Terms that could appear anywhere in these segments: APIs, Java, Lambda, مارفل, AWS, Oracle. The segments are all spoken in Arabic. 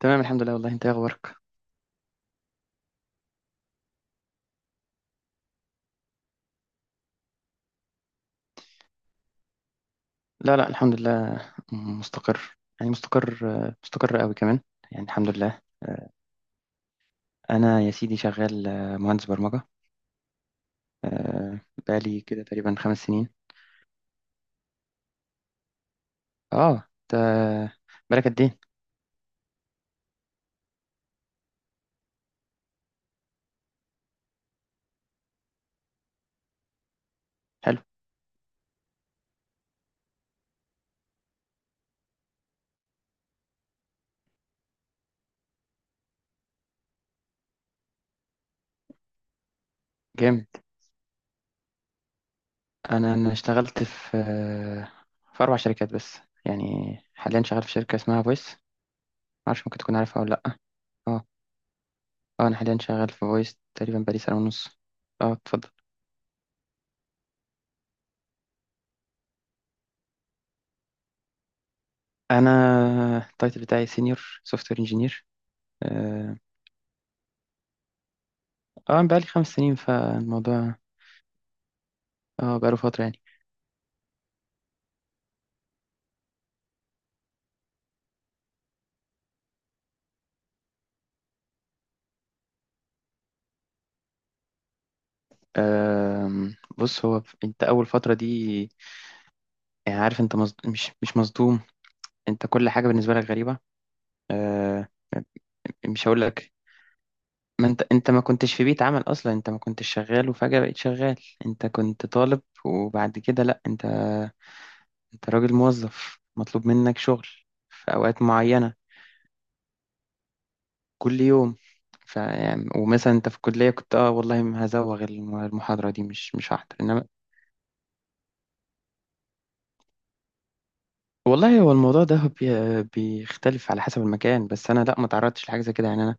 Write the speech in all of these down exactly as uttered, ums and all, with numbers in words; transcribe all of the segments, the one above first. تمام، الحمد لله. والله انت ايه اخبارك؟ لا لا، الحمد لله. مستقر، يعني مستقر. مستقر قوي كمان، يعني الحمد لله. انا يا سيدي شغال آه، مهندس برمجة. آه، بقالي كده تقريبا خمس سنين. اه، انت بالك قد ايه؟ حلو. جامد. انا انا اشتغلت في آه، في اربع شركات بس، يعني حاليا شغال في شركة اسمها فويس. معرفش، ممكن تكون عارفها ولا لا. اه. اه، انا حاليا شغال في فويس تقريبا بقالي سنة ونص. اه اتفضل. انا آه، التايتل بتاعي سينيور سوفت وير انجينير. اه. آه، بقالي خمس سنين فالموضوع. اه بقاله فترة يعني. آم، بص، هو ف- انت اول فترة دي، يعني عارف انت مصد... مش مش مصدوم. انت كل حاجة بالنسبة لك غريبة. آه، مش هقول لك. ما انت انت ما كنتش في بيت عمل اصلا، انت ما كنتش شغال وفجأة بقيت شغال. انت كنت طالب وبعد كده لا انت، انت راجل موظف مطلوب منك شغل في اوقات معينة، كل يوم. ف يعني، ومثلا انت في الكلية كنت، اه والله ما هزوغ الم- المحاضرة دي، مش مش هحضر، انما... والله هو الموضوع ده بي- بيختلف على حسب المكان. بس انا لا، ما تعرضتش لحاجه زي كده يعني. انا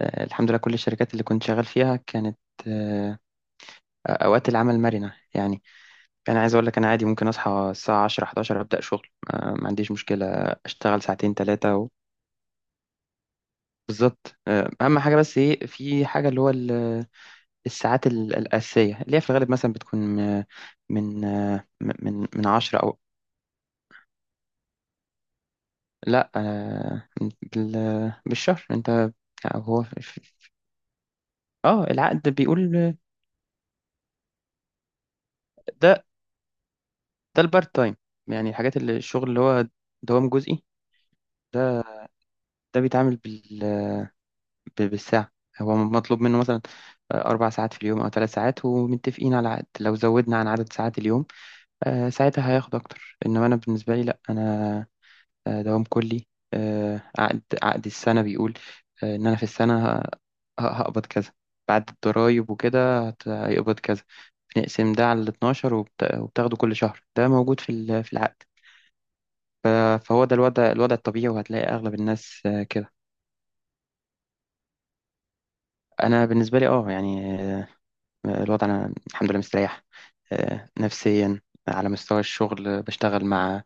آه، الحمد لله، كل الشركات اللي كنت شغال فيها كانت آه، اوقات العمل مرنه يعني. انا عايز اقول لك، انا عادي ممكن اصحى الساعه عشرة احد عشر ابدا شغل. آه، ما عنديش مشكله. اشتغل ساعتين، ثلاثه و... بالظبط. آه، اهم حاجه بس ايه، في حاجه اللي هو ال- الساعات ال- الاساسيه، اللي هي في الغالب مثلا بتكون آه، من آه، من من عشرة او... لا. آه، بال- بالشهر انت. هو اه العقد بيقول. ده ده البارت تايم، يعني الحاجات اللي الشغل اللي هو دوام جزئي. ده ده بيتعامل بال ب- بالساعة. هو مطلوب منه مثلا أربع ساعات في اليوم أو ثلاث ساعات، ومتفقين على عقد لو زودنا عن عدد ساعات اليوم، آه، ساعتها هياخد أكتر. إنما أنا بالنسبة لي لأ، أنا آه، دوام كلي. آه، عقد عقد السنة بيقول آه، إن أنا في السنة ه- ه- هقبض كذا، بعد الضرايب وكده هت- هيقبض كذا. بنقسم ده على ال اتناشر وبت- وبتاخده كل شهر، ده موجود في ال- في العقد. ف- فهو ده الوضع، الوضع الطبيعي، وهتلاقي أغلب الناس آه، كده. أنا بالنسبة لي أه يعني آه، الوضع، أنا الحمد لله مستريح، آه، نفسيا. على مستوى الشغل بشتغل مع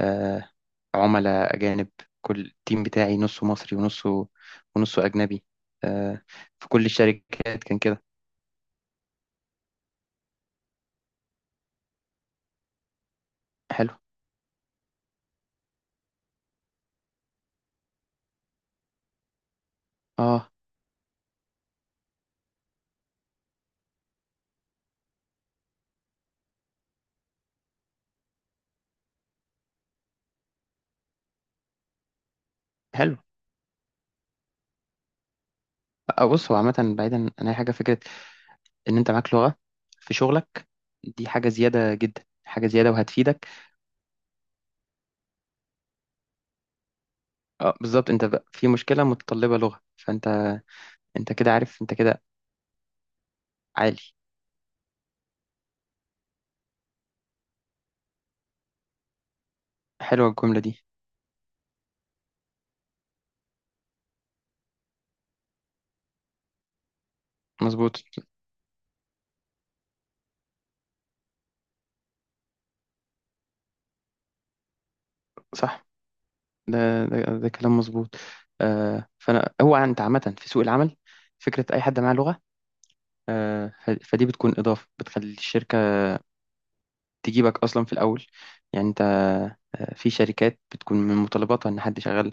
آه، عملاء أجانب. كل التيم بتاعي نصه مصري ونصه... ونصه أجنبي. آه، في كل الشركات كان كده. حلو. اه حلو. آه، بص، هو عامة بعيدا عن أي حاجة، فكرة إن أنت معاك لغة في شغلك دي حاجة زيادة جدا، حاجة زيادة وهتفيدك. اه بالظبط. أنت بقى في مشكلة متطلبة لغة، فأنت، أنت كده عارف، أنت كده عالي. حلوة الجملة دي. مظبوط. صح. ده ده, ده كلام مظبوط. آه. فأنا، هو أنت عامة في سوق العمل، فكرة أي حد معاه لغة، آه، ف- فدي بتكون إضافة بتخلي الشركة تجيبك أصلا في الأول. يعني أنت آه، في شركات بتكون من متطلباتها إن حد شغال،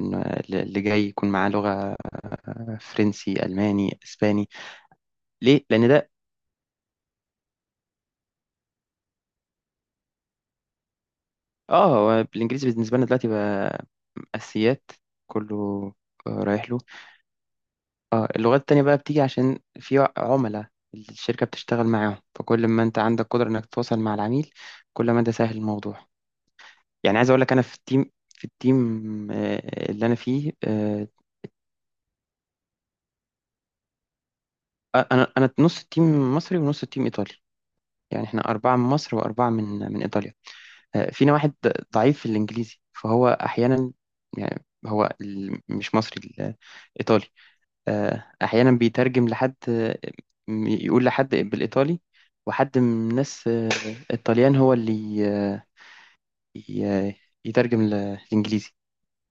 إن اللي جاي يكون معاه لغة آه، فرنسي، ألماني، إسباني. ليه؟ لأن ده... آه هو الإنجليزي بالنسبة لنا دلوقتي بقى أساسيات، كله. آه، رايح له. آه، اللغات التانية بقى بتيجي عشان في عملاء الشركة بتشتغل معاهم، فكل ما أنت عندك قدرة إنك تتواصل مع العميل، كل ما ده سهل الموضوع. يعني عايز اقول لك، انا في التيم في التيم آه، اللي انا فيه آه، انا انا نص التيم مصري ونص التيم ايطالي، يعني احنا اربعه من مصر واربعه من... من ايطاليا. آه، فينا واحد ضعيف في الانجليزي، فهو احيانا، يعني هو ال- مش مصري، ال- ايطالي. آه، احيانا بيترجم لحد آه، م- يقول لحد بالايطالي، وحد من الناس آه، الطليان هو اللي آه، ي- يترجم ل- للانجليزي،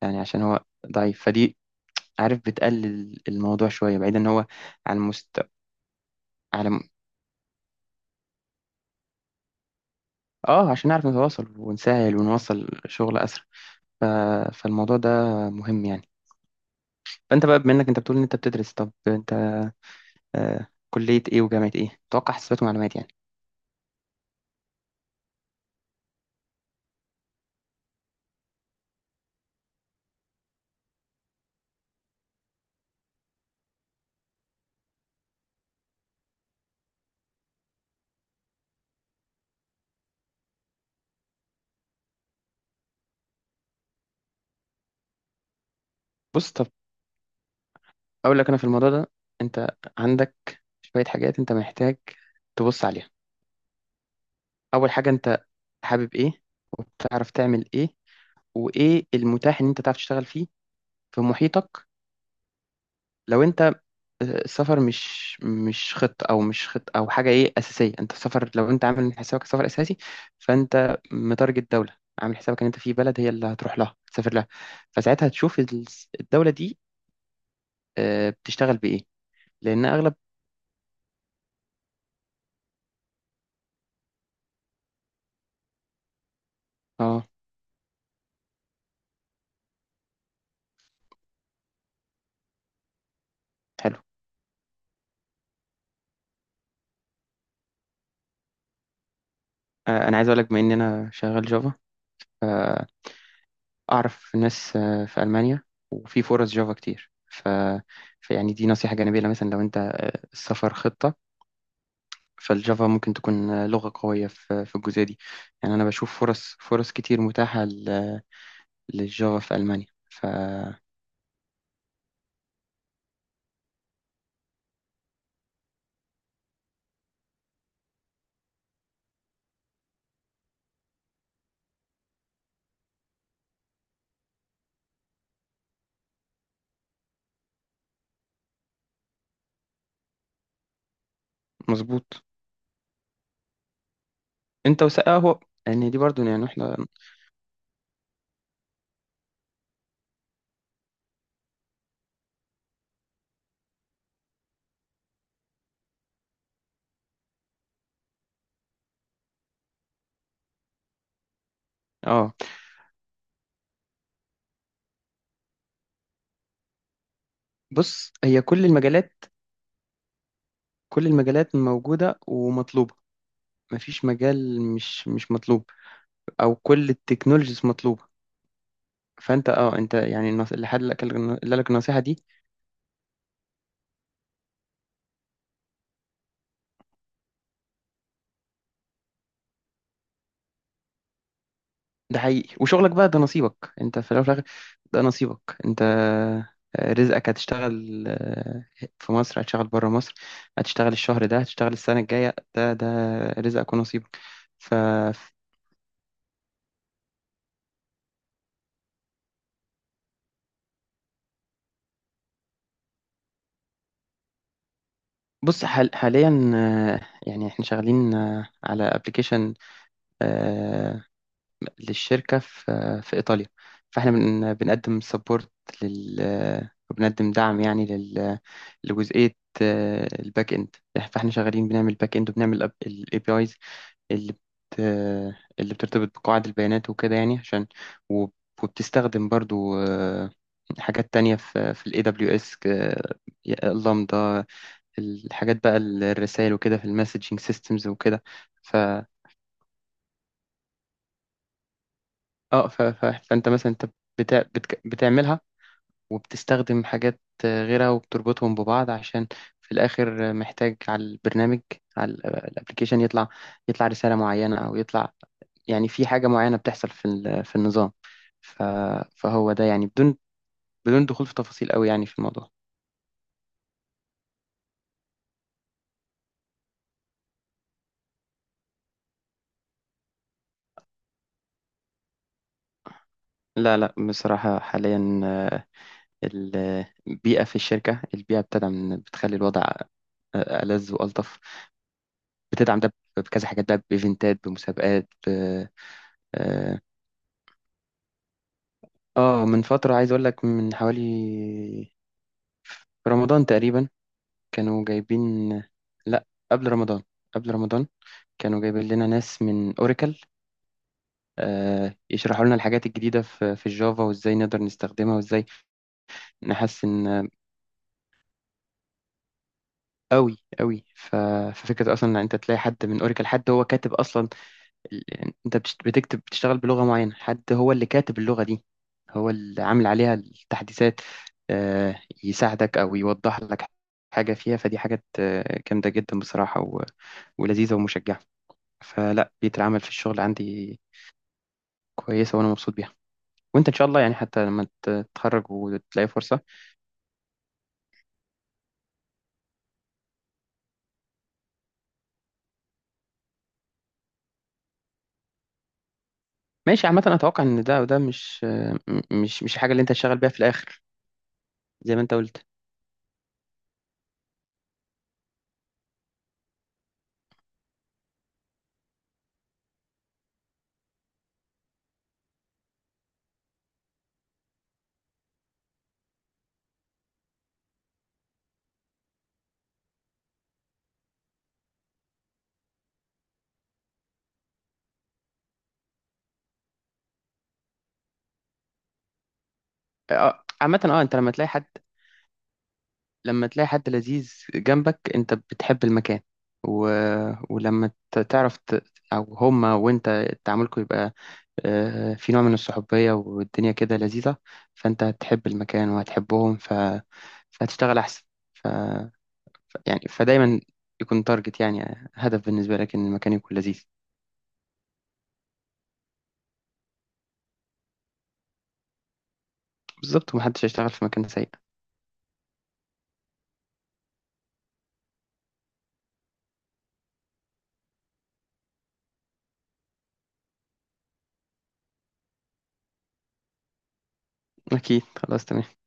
يعني عشان هو ضعيف. فدي، عارف، بتقلل الموضوع شوية، بعيدا ان هو على المست على م- اه، عشان نعرف نتواصل ونسهل ونوصل شغل اسرع. ف... فالموضوع ده مهم يعني. فانت بقى بما انك انت بتقول ان انت بتدرس، طب انت آه كلية ايه وجامعة ايه؟ اتوقع حسابات ومعلومات يعني. بص، طب اقول لك انا في الموضوع ده، انت عندك شوية حاجات انت محتاج تبص عليها. اول حاجة، انت حابب ايه وبتعرف تعمل ايه، وايه المتاح ان انت تعرف تشتغل فيه في محيطك. لو انت السفر مش مش خطة، او مش خطة او حاجه ايه اساسيه، انت السفر، لو انت عامل من حسابك سفر اساسي، فانت متارجت دوله، عامل حسابك ان انت في بلد هي اللي هتروح لها تسافر لها، فساعتها تشوف ال- الدوله دي آه، بتشتغل بايه، لان اغلب... اه حلو. آه، انا عايز اقول لك، بما ان انا شغال جافا، اعرف ناس آه، في المانيا، وفي فرص جافا كتير. ف... فيعني دي نصيحه جانبيه، لو مثلا لو انت السفر خطه، فالجافا ممكن تكون لغة قوية في في الجزئية دي. يعني أنا بشوف فرص، فرص كتير متاحة ل- للجافا في ألمانيا. فمظبوط. أنت وس آه، هو يعني دي برضو يعني إحنا... آه بص، هي كل المجالات، كل المجالات موجودة ومطلوبة، مفيش مجال مش مش مطلوب. أو كل التكنولوجيز مطلوبة. فأنت آه أنت يعني، النص- اللي حد لك، اللي قال لك النصيحة دي، ده حقيقي. وشغلك بقى ده نصيبك انت، في الاول وفي الاخر. ده نصيبك انت، آه، رزقك. هتشتغل آه، في مصر، هتشتغل بره مصر، هتشتغل الشهر ده، هتشتغل السنة الجاية، ده ده رزقك ونصيبك. ف بص، حال حاليا آه، يعني احنا شغالين آه، على ابلكيشن للشركة في في إيطاليا، فإحنا بن- بنقدم سبورت لل... وبنقدم دعم يعني لل... لجزئية آه، الباك إند. فإحنا شغالين بنعمل باك إند، وبنعمل ال ال إيه بي آيز اللي بت... آه، اللي بترتبط بقواعد البيانات وكده، يعني عشان... وب- وبتستخدم برضو آه، حاجات تانية في في ال إيه دبليو إس، آه، اللامدا، الحاجات بقى الرسائل وكده في المسجنج سيستمز وكده. ف اه ف... ف... فانت مثلا انت بتع... بتك... بتعملها، وبتستخدم حاجات آه، غيرها وبتربطهم ببعض، عشان في الآخر آه، محتاج على البرنامج، على الابلكيشن، يطلع، يطلع رسالة معينة أو يطلع، يعني في حاجة معينة بتحصل في ال- في النظام. ف- فهو ده يعني بدون، بدون دخول في تفاصيل قوي يعني في الموضوع. لا لا، بصراحة حاليا آه، البيئة في الشركة، البيئة بتدعم، بتخلي الوضع آه، ألذ وألطف. بتدعم ده بكذا حاجات بقى، بإيفنتات، بمسابقات، ب- اه من فترة عايز اقول لك، من حوالي رمضان تقريبا كانوا جايبين... لا قبل رمضان، قبل رمضان كانوا جايبين لنا ناس من اوراكل آه يشرحوا لنا الحاجات الجديدة في في الجافا، وازاي نقدر نستخدمها، وازاي نحسن آه، قوي قوي. ف- ففكرة اصلا ان انت تلاقي حد من اوراكل، حد هو كاتب اصلا، يعني انت بتشت- بتكتب، بتشتغل بلغة معينة، حد هو اللي كاتب اللغة دي، هو اللي عامل عليها التحديثات، آه، يساعدك او يوضح لك حاجة فيها. فدي حاجات آه، جامدة جدا بصراحة، و- ولذيذة ومشجعة. فلا، بيئة العمل في الشغل عندي كويسة، وانا مبسوط بيها. وانت ان شاء الله يعني، حتى لما ت- تتخرج وتلاقي فرصة. ماشي. عامة انا اتوقع ان ده، وده مش آه، م- مش مش الحاجة اللي انت هتشتغل بيها في الاخر. زي ما انت قلت. آه، عامة، اه انت لما تلاقي حد، لما تلاقي حد لذيذ جنبك انت بتحب المكان. و... ولما ت- تعرف ت... او هما وانت تعاملكم، يبقى آه، في نوع من الصحوبية، والدنيا كده لذيذة. فانت هتحب المكان وهتحبهم، ف... فهتشتغل احسن. ف... ف... يعني فدايما يكون تارجت، يعني هدف بالنسبة لك ان المكان يكون لذيذ. بالظبط، ومحدش هيشتغل في مكان سيء. اكيد خلاص تمام.